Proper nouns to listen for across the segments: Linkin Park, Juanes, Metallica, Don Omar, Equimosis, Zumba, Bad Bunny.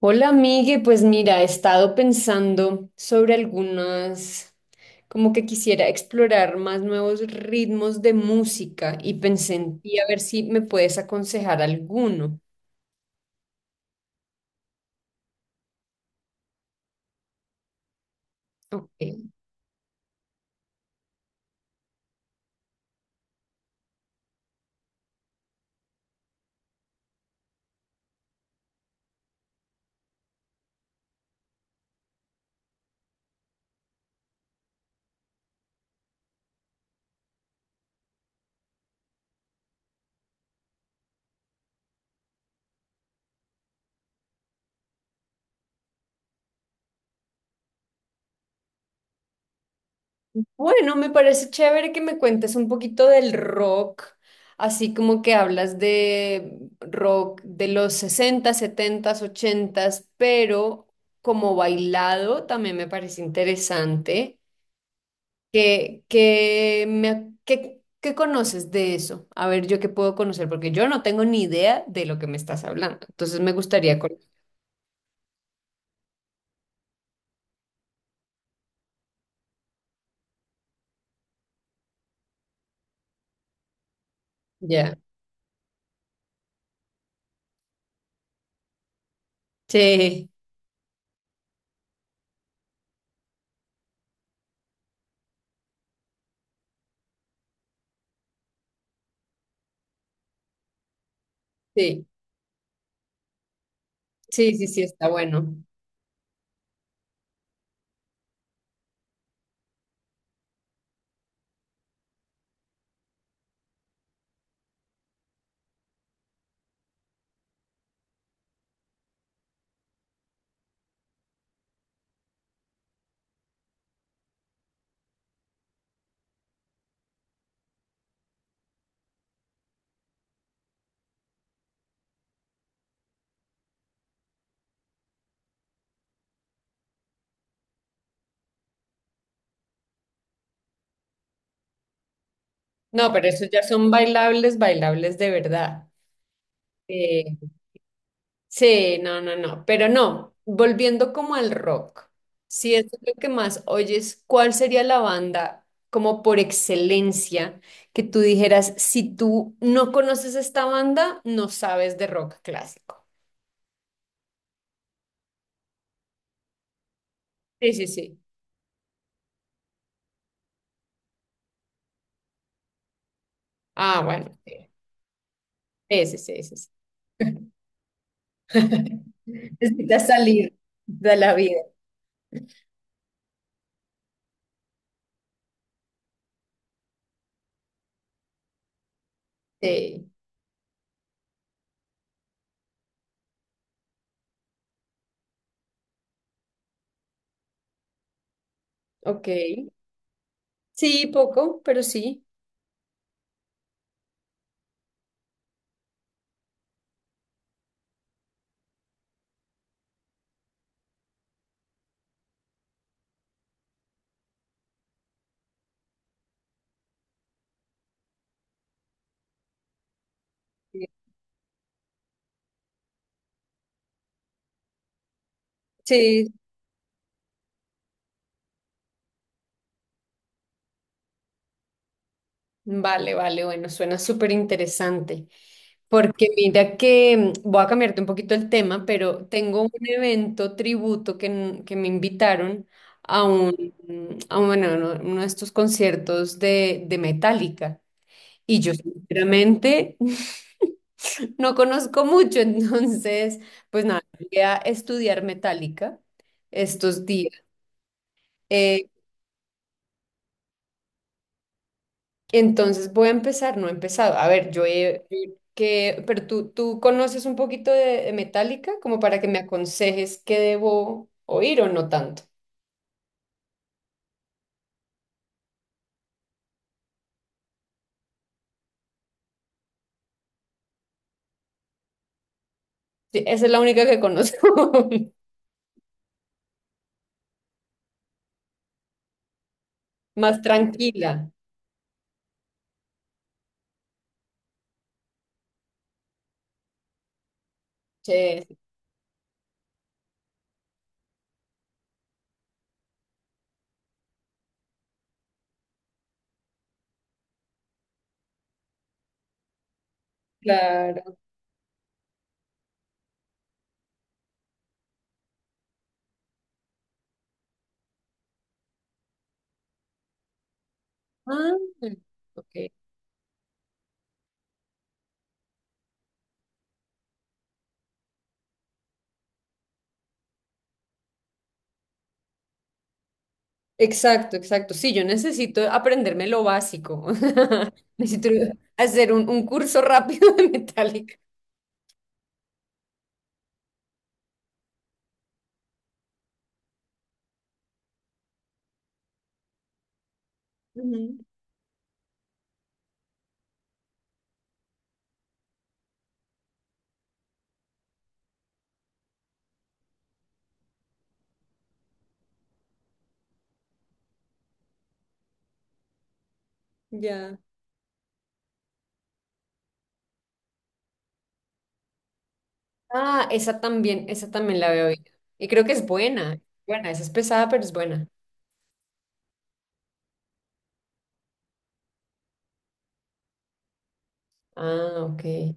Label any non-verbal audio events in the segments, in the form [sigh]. Hola, Migue. Pues mira, he estado pensando sobre algunas, como que quisiera explorar más nuevos ritmos de música y pensé en ti a ver si me puedes aconsejar alguno. Ok. Bueno, me parece chévere que me cuentes un poquito del rock, así como que hablas de rock de los 60, 70, 80, pero como bailado también me parece interesante. ¿Qué conoces de eso? A ver, yo qué puedo conocer, porque yo no tengo ni idea de lo que me estás hablando. Entonces me gustaría conocer. Ya. Sí, sí, sí, sí, sí, está bueno. No, pero esos ya son bailables, bailables de verdad. Eh, Sí, no, no, no, pero no, volviendo como al rock, si es lo que más oyes, ¿cuál sería la banda como por excelencia que tú dijeras, si tú no conoces esta banda, no sabes de rock clásico? Sí, sí, sí. Ah, bueno, sí, sí, sí, sí. Sí. [laughs] Necesitas salir de la vida. Sí, ok. Sí, poco, pero sí. Sí, vale, vale, bueno, suena súper interesante. Porque mira que voy a cambiarte un poquito el tema, pero tengo un evento tributo que me invitaron a uno de estos conciertos de Metallica. Y yo sinceramente [laughs] no conozco mucho, [laughs] entonces, pues nada, voy a estudiar Metallica estos días. Eh, Entonces voy a empezar, no he empezado. A ver, yo he... yo Que, pero tú conoces un poquito de Metallica como para que me aconsejes qué debo oír o no tanto. Sí, esa es la única que conozco. [laughs] Más tranquila. Sí, sí, claro. Ah, ok. Exacto, exacto. Sí, yo necesito aprenderme lo básico. [laughs] Necesito hacer un curso rápido de Metallica. Ujú, ya. Ah, esa también la veo bien. Y creo que es buena. Buena, esa es pesada, pero es buena. Ah, ok.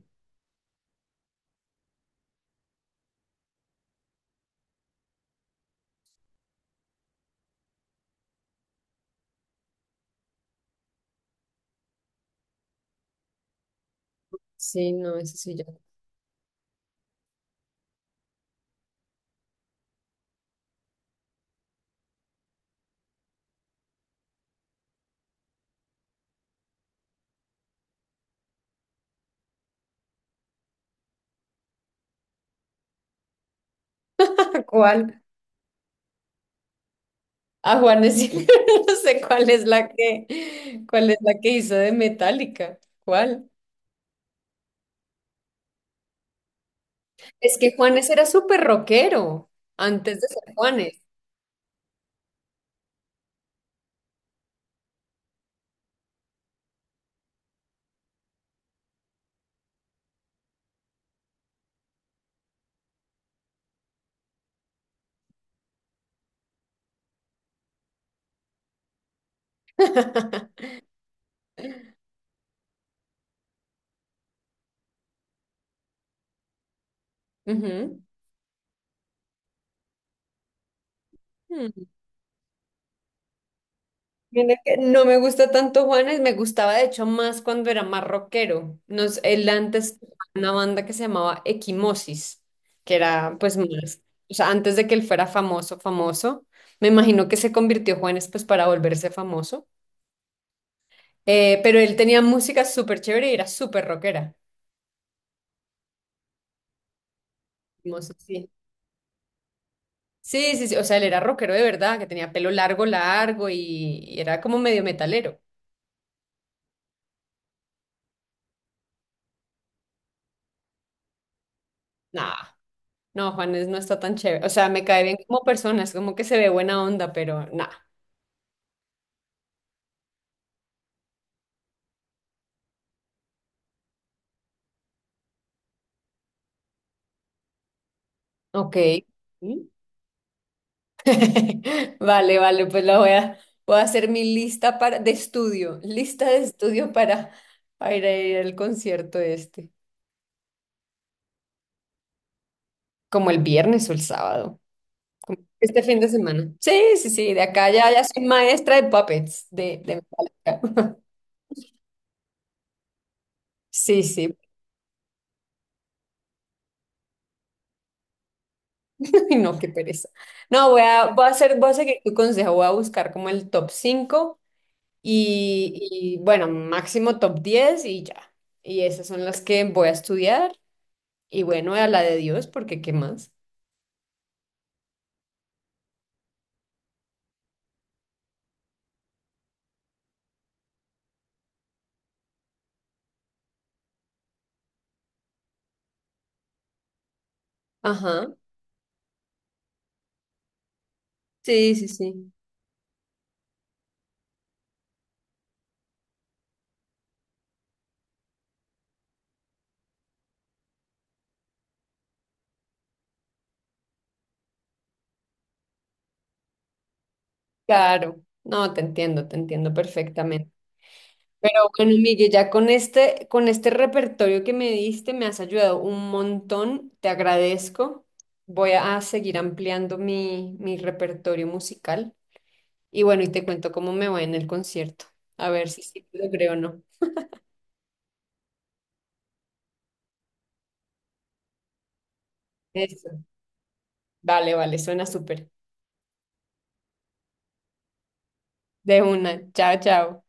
Sí, no, esa sí ya. [laughs] ¿Cuál? A Juanes, sí. [laughs] No sé cuál es la que hizo de Metallica. ¿Cuál? Es que Juanes era súper rockero antes de ser Juanes. [laughs] Ujú. Mira que no me gusta tanto Juanes, me gustaba de hecho más cuando era más rockero. Él antes tenía una banda que se llamaba Equimosis, que era pues más, o sea, antes de que él fuera famoso, famoso, me imagino que se convirtió Juanes pues para volverse famoso. Pero él tenía música súper chévere y era súper rockera. Equimosis, sí. Sí, sí, sí, o sea, él era rockero de verdad, que tenía pelo largo, largo y era como medio metalero. Nah. No, Juanes no está tan chévere. O sea, me cae bien como persona, es como que se ve buena onda, pero nada. Ok. ¿Mm? [laughs] Vale, vale, pues voy a hacer mi lista de estudio, para ir a ir al concierto este, como el viernes o el sábado, como este fin de semana. Sí, sí, sí, de acá ya, ya soy maestra de puppets, de Metallica. [laughs] Sí, sí. [laughs] Ay, no, qué pereza. No, voy a seguir tu consejo, voy a buscar como el top 5. Bueno, máximo top 10 y ya. Y esas son las que voy a estudiar. Y bueno, a la de Dios, porque ¿qué más? Ajá. Sí, sí, sí. Claro. No, te entiendo perfectamente. Pero bueno, Miguel, ya con este repertorio que me diste, me has ayudado un montón. Te agradezco. Voy a seguir ampliando mi repertorio musical. Y bueno, y te cuento cómo me va en el concierto. A ver si sí logré o no. Eso. Vale, vale, suena súper. De una. Chao, chao.